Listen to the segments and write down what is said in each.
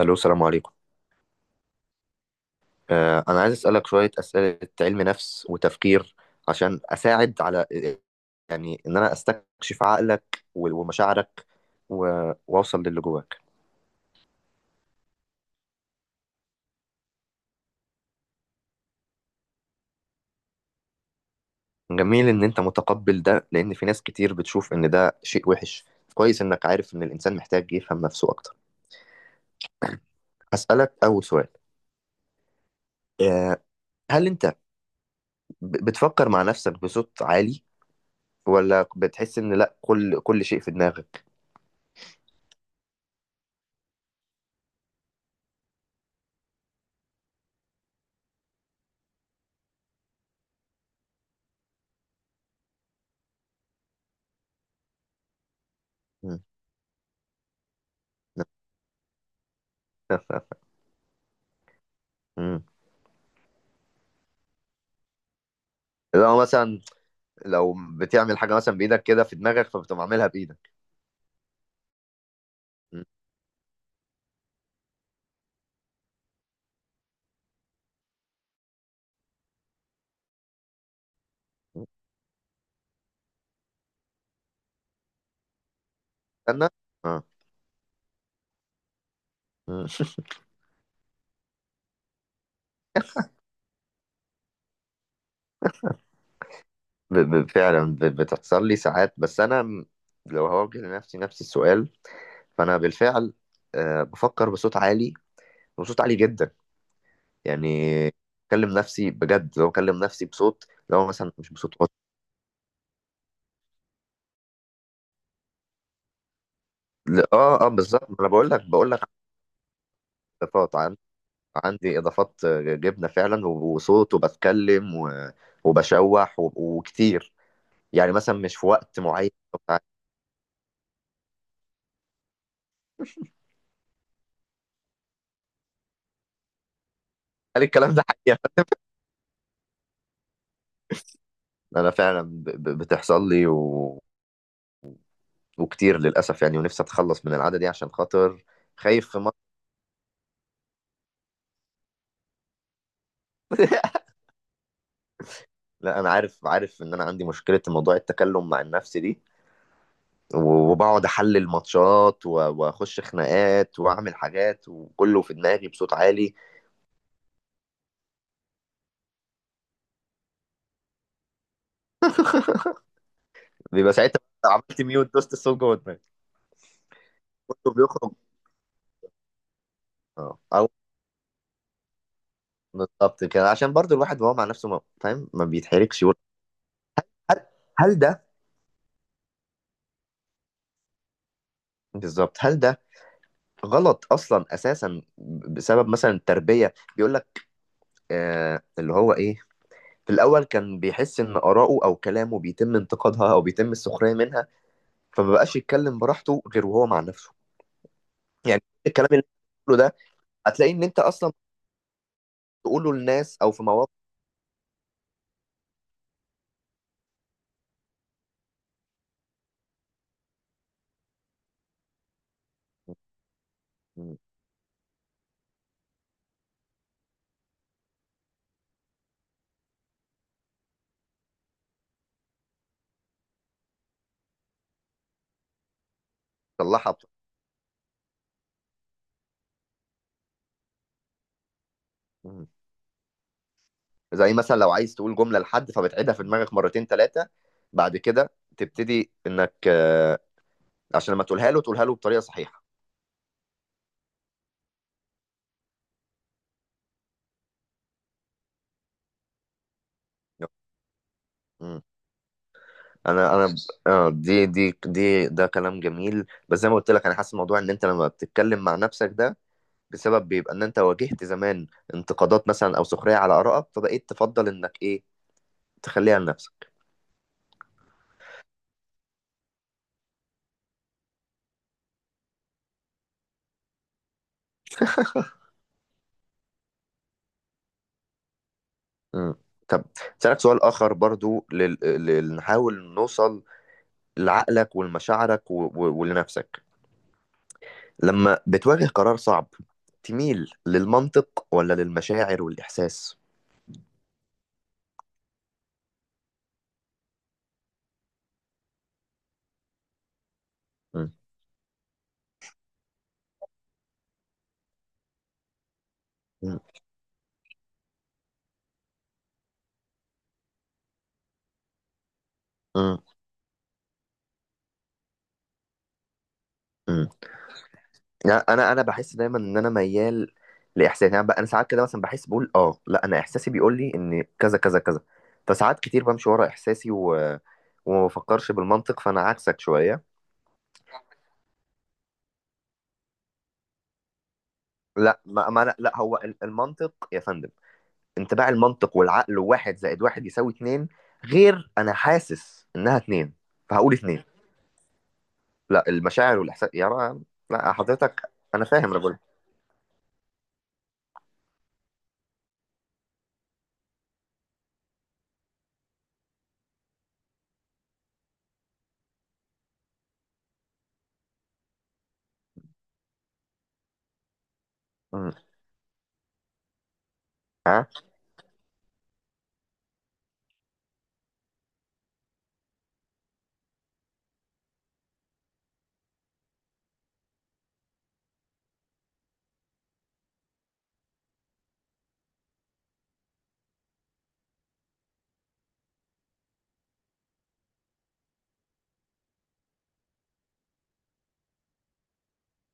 الو، السلام عليكم. انا عايز اسالك شويه اسئله علم نفس وتفكير، عشان اساعد على، يعني ان انا استكشف عقلك و- ومشاعرك، و- واوصل للي جواك. جميل ان انت متقبل ده، لان في ناس كتير بتشوف ان ده شيء وحش. كويس انك عارف ان الانسان محتاج يفهم نفسه اكتر. هسالك اول سؤال. آه، هل انت بتفكر مع نفسك بصوت عالي، ولا بتحس ان لا كل شيء في دماغك؟ مم. مم. لو مثلا، لو بتعمل حاجة مثلا بإيدك كده في دماغك، فبتقوم عاملها بإيدك. م. استنى، اه. م. فعلا بتحصل لي ساعات، بس أنا لو هوجه لنفسي نفس السؤال، فأنا بالفعل بفكر بصوت عالي، وصوت عالي جدا. يعني بكلم نفسي بجد، لو بكلم نفسي بصوت، لو مثلا مش بصوت واطي. لا، اه اه، بالظبط. ما انا بقول لك اضافات عندي اضافات جبنه فعلا، و- وصوت، وبتكلم، وبشوح، و- وكتير، يعني مثلا مش في وقت معين وبتاع. هل الكلام ده حقيقة؟ انا فعلا بتحصل لي، وكتير للاسف، يعني ونفسي اتخلص من العادة دي عشان خاطر، خايف في مرة. لا، انا عارف ان انا عندي مشكلة موضوع التكلم مع النفس دي، و- وبقعد احلل ماتشات، واخش خناقات واعمل حاجات، وكله في دماغي بصوت عالي. بيبقى ساعتها عملت ميوت دوست الصوت جوه دماغي، كله بيخرج. اه، او بالظبط كده، عشان برضو الواحد وهو مع نفسه ما... فاهم، ما بيتحركش. هل هل ده، بالظبط، هل ده غلط اصلا اساسا، بسبب مثلا التربيه؟ بيقول لك، اللي هو ايه، في الاول كان بيحس ان اراءه او كلامه بيتم انتقادها او بيتم السخريه منها، فما بقاش يتكلم براحته غير وهو مع نفسه. يعني الكلام اللي أنت بتقوله ده، هتلاقي ان انت اصلا بتقوله للناس او في مواقف. مم. تصلحها مم. زي مثلا لو عايز تقول جمله لحد، فبتعيدها في دماغك مرتين ثلاثه، بعد كده تبتدي انك عشان لما تقولها له، تقولها له بطريقه صحيحه. انا اه، دي دي دي ده كلام جميل، بس زي ما قلت لك انا حاسس الموضوع، ان انت لما بتتكلم مع نفسك ده، بسبب بيبقى ان انت واجهت زمان انتقادات مثلا او سخريه على ارائك، فبقيت تفضل انك ايه، تخليها لنفسك. امم. طب، اسالك سؤال اخر برضو، نحاول نوصل لعقلك ولمشاعرك، ولنفسك. لما بتواجه قرار صعب، تميل للمنطق ولا للمشاعر والاحساس؟ امم. امم. إمم. إمم. يعني انا بحس دايما ان انا ميال لاحساسي. يعني انا ساعات كده مثلا بحس، بقول اه لا، انا احساسي بيقول لي ان كذا كذا كذا، فساعات كتير بمشي ورا احساسي، وما بفكرش بالمنطق، فانا عكسك شويه. لا، ما أنا، لا، هو المنطق يا فندم. انطباع المنطق والعقل، واحد زائد واحد يساوي اتنين، غير انا حاسس انها اتنين، فهقول اتنين. لا، المشاعر والاحساس يا رأى. لا حضرتك، انا فاهم، انا بقول. ها،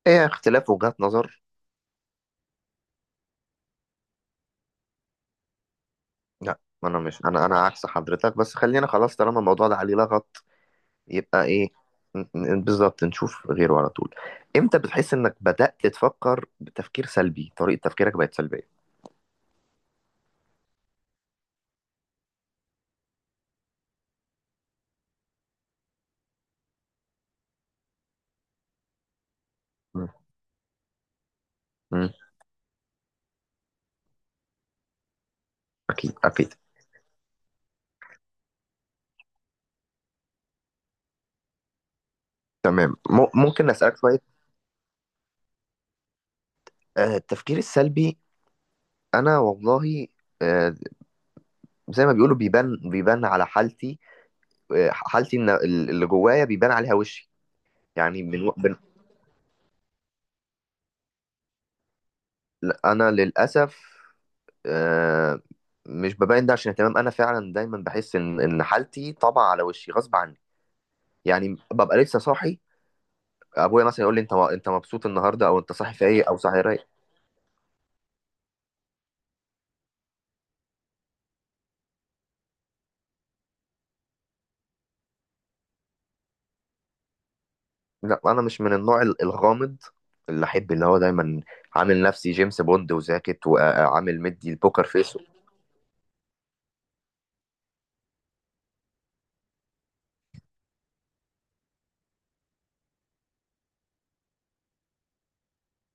ايه، اختلاف وجهات نظر. لا، ما انا مش، انا عكس حضرتك، بس خلينا خلاص طالما الموضوع ده عليه لغط، يبقى ايه، بالظبط نشوف غيره على طول. امتى بتحس انك بدأت تفكر بتفكير سلبي، طريقة تفكيرك بقت سلبية؟ مم. مم. اكيد اكيد. تمام، ممكن اسألك شوية. التفكير السلبي، انا والله، آه، زي ما بيقولوا بيبان على حالتي. حالتي إن اللي جوايا بيبان عليها وشي. يعني من, من انا للأسف آه، مش ببين ده عشان اهتمام، انا فعلا دايما بحس ان حالتي طبع على وشي غصب عني. يعني ببقى لسه صاحي، ابويا مثلا يقول لي انت مبسوط النهارده، او انت صاحي فايق، او صاحي رايق. لا، انا مش من النوع الغامض، اللي احب، اللي هو دايما عامل نفسي جيمس بوند وزاكت، وعامل مدي البوكر فيس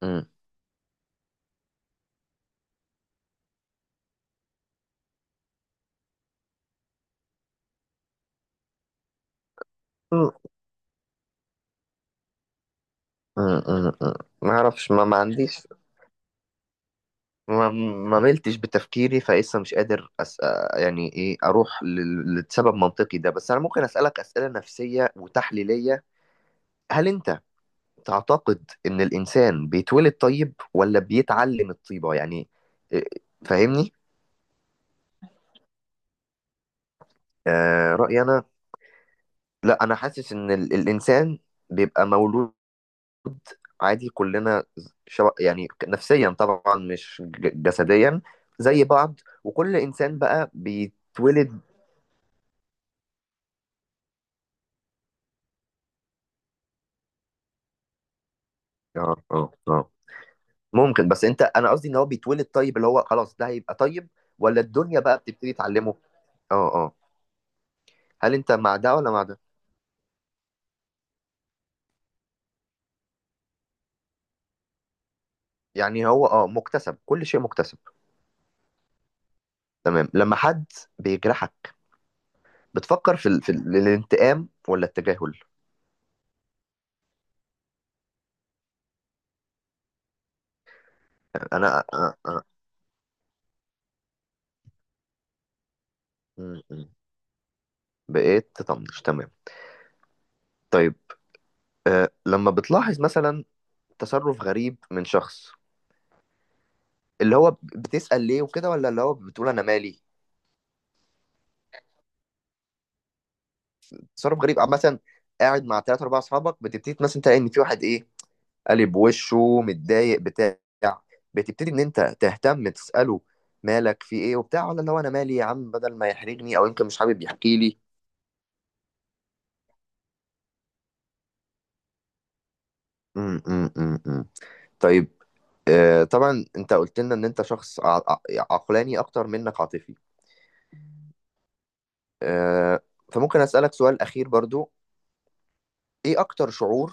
م- م- م- م- ما اعرفش، ما عنديش، ما ما ملتش بتفكيري، فلسه مش قادر يعني ايه اروح لسبب منطقي ده. بس انا ممكن اسالك اسئله نفسيه وتحليليه. هل انت تعتقد ان الانسان بيتولد طيب، ولا بيتعلم الطيبه؟ يعني إيه، فاهمني؟ رايي انا، لا، انا حاسس ان الانسان بيبقى مولود عادي، كلنا يعني نفسيا طبعا، مش جسديا، زي بعض. وكل انسان بقى بيتولد، اه اه اه، ممكن، بس انت، انا قصدي ان هو بيتولد طيب، اللي هو خلاص ده هيبقى طيب، ولا الدنيا بقى بتبتدي تعلمه. اه اه. هل انت مع ده ولا مع ده؟ يعني هو مكتسب، كل شيء مكتسب. تمام. لما حد بيجرحك، بتفكر في الانتقام ولا التجاهل؟ انا أنا- أنا- م. بقيت تطنش، تمام. طيب، لما بتلاحظ مثلا تصرف غريب من شخص، اللي هو بتسأل ليه وكده، ولا اللي هو بتقول انا مالي؟ تصرف غريب مثلا، قاعد مع ثلاثة أربعة أصحابك، بتبتدي مثلا تلاقي إن في واحد، إيه، قالب وشه متضايق بتاع بتبتدي ان انت تهتم تساله مالك، في ايه وبتاع، ولا اللي هو انا مالي يا عم، بدل ما يحرجني، او يمكن مش حابب يحكي لي. م. طيب، طبعا انت قلت لنا ان انت شخص عقلاني اكتر منك عاطفي. آه فممكن اسالك سؤال اخير برضو، ايه اكتر شعور.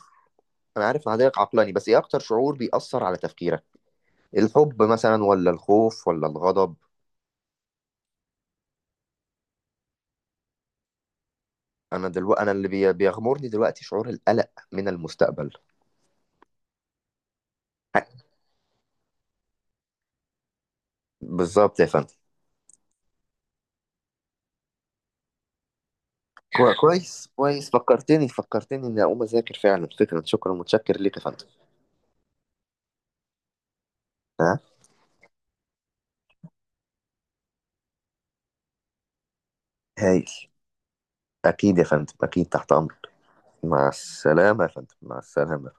انا عارف ان حضرتك عقلاني، بس ايه اكتر شعور بيأثر على تفكيرك؟ الحب مثلا، ولا الخوف، ولا الغضب؟ انا اللي بيغمرني دلوقتي شعور القلق من المستقبل. بالظبط يا فندم. كويس كويس، فكرتني فكرتني اني اقوم اذاكر فعلا، فكرا، شكرا، متشكر ليك يا فندم. ها، هايل. اكيد يا فندم، اكيد تحت امرك. مع السلامه يا فندم، مع السلامه.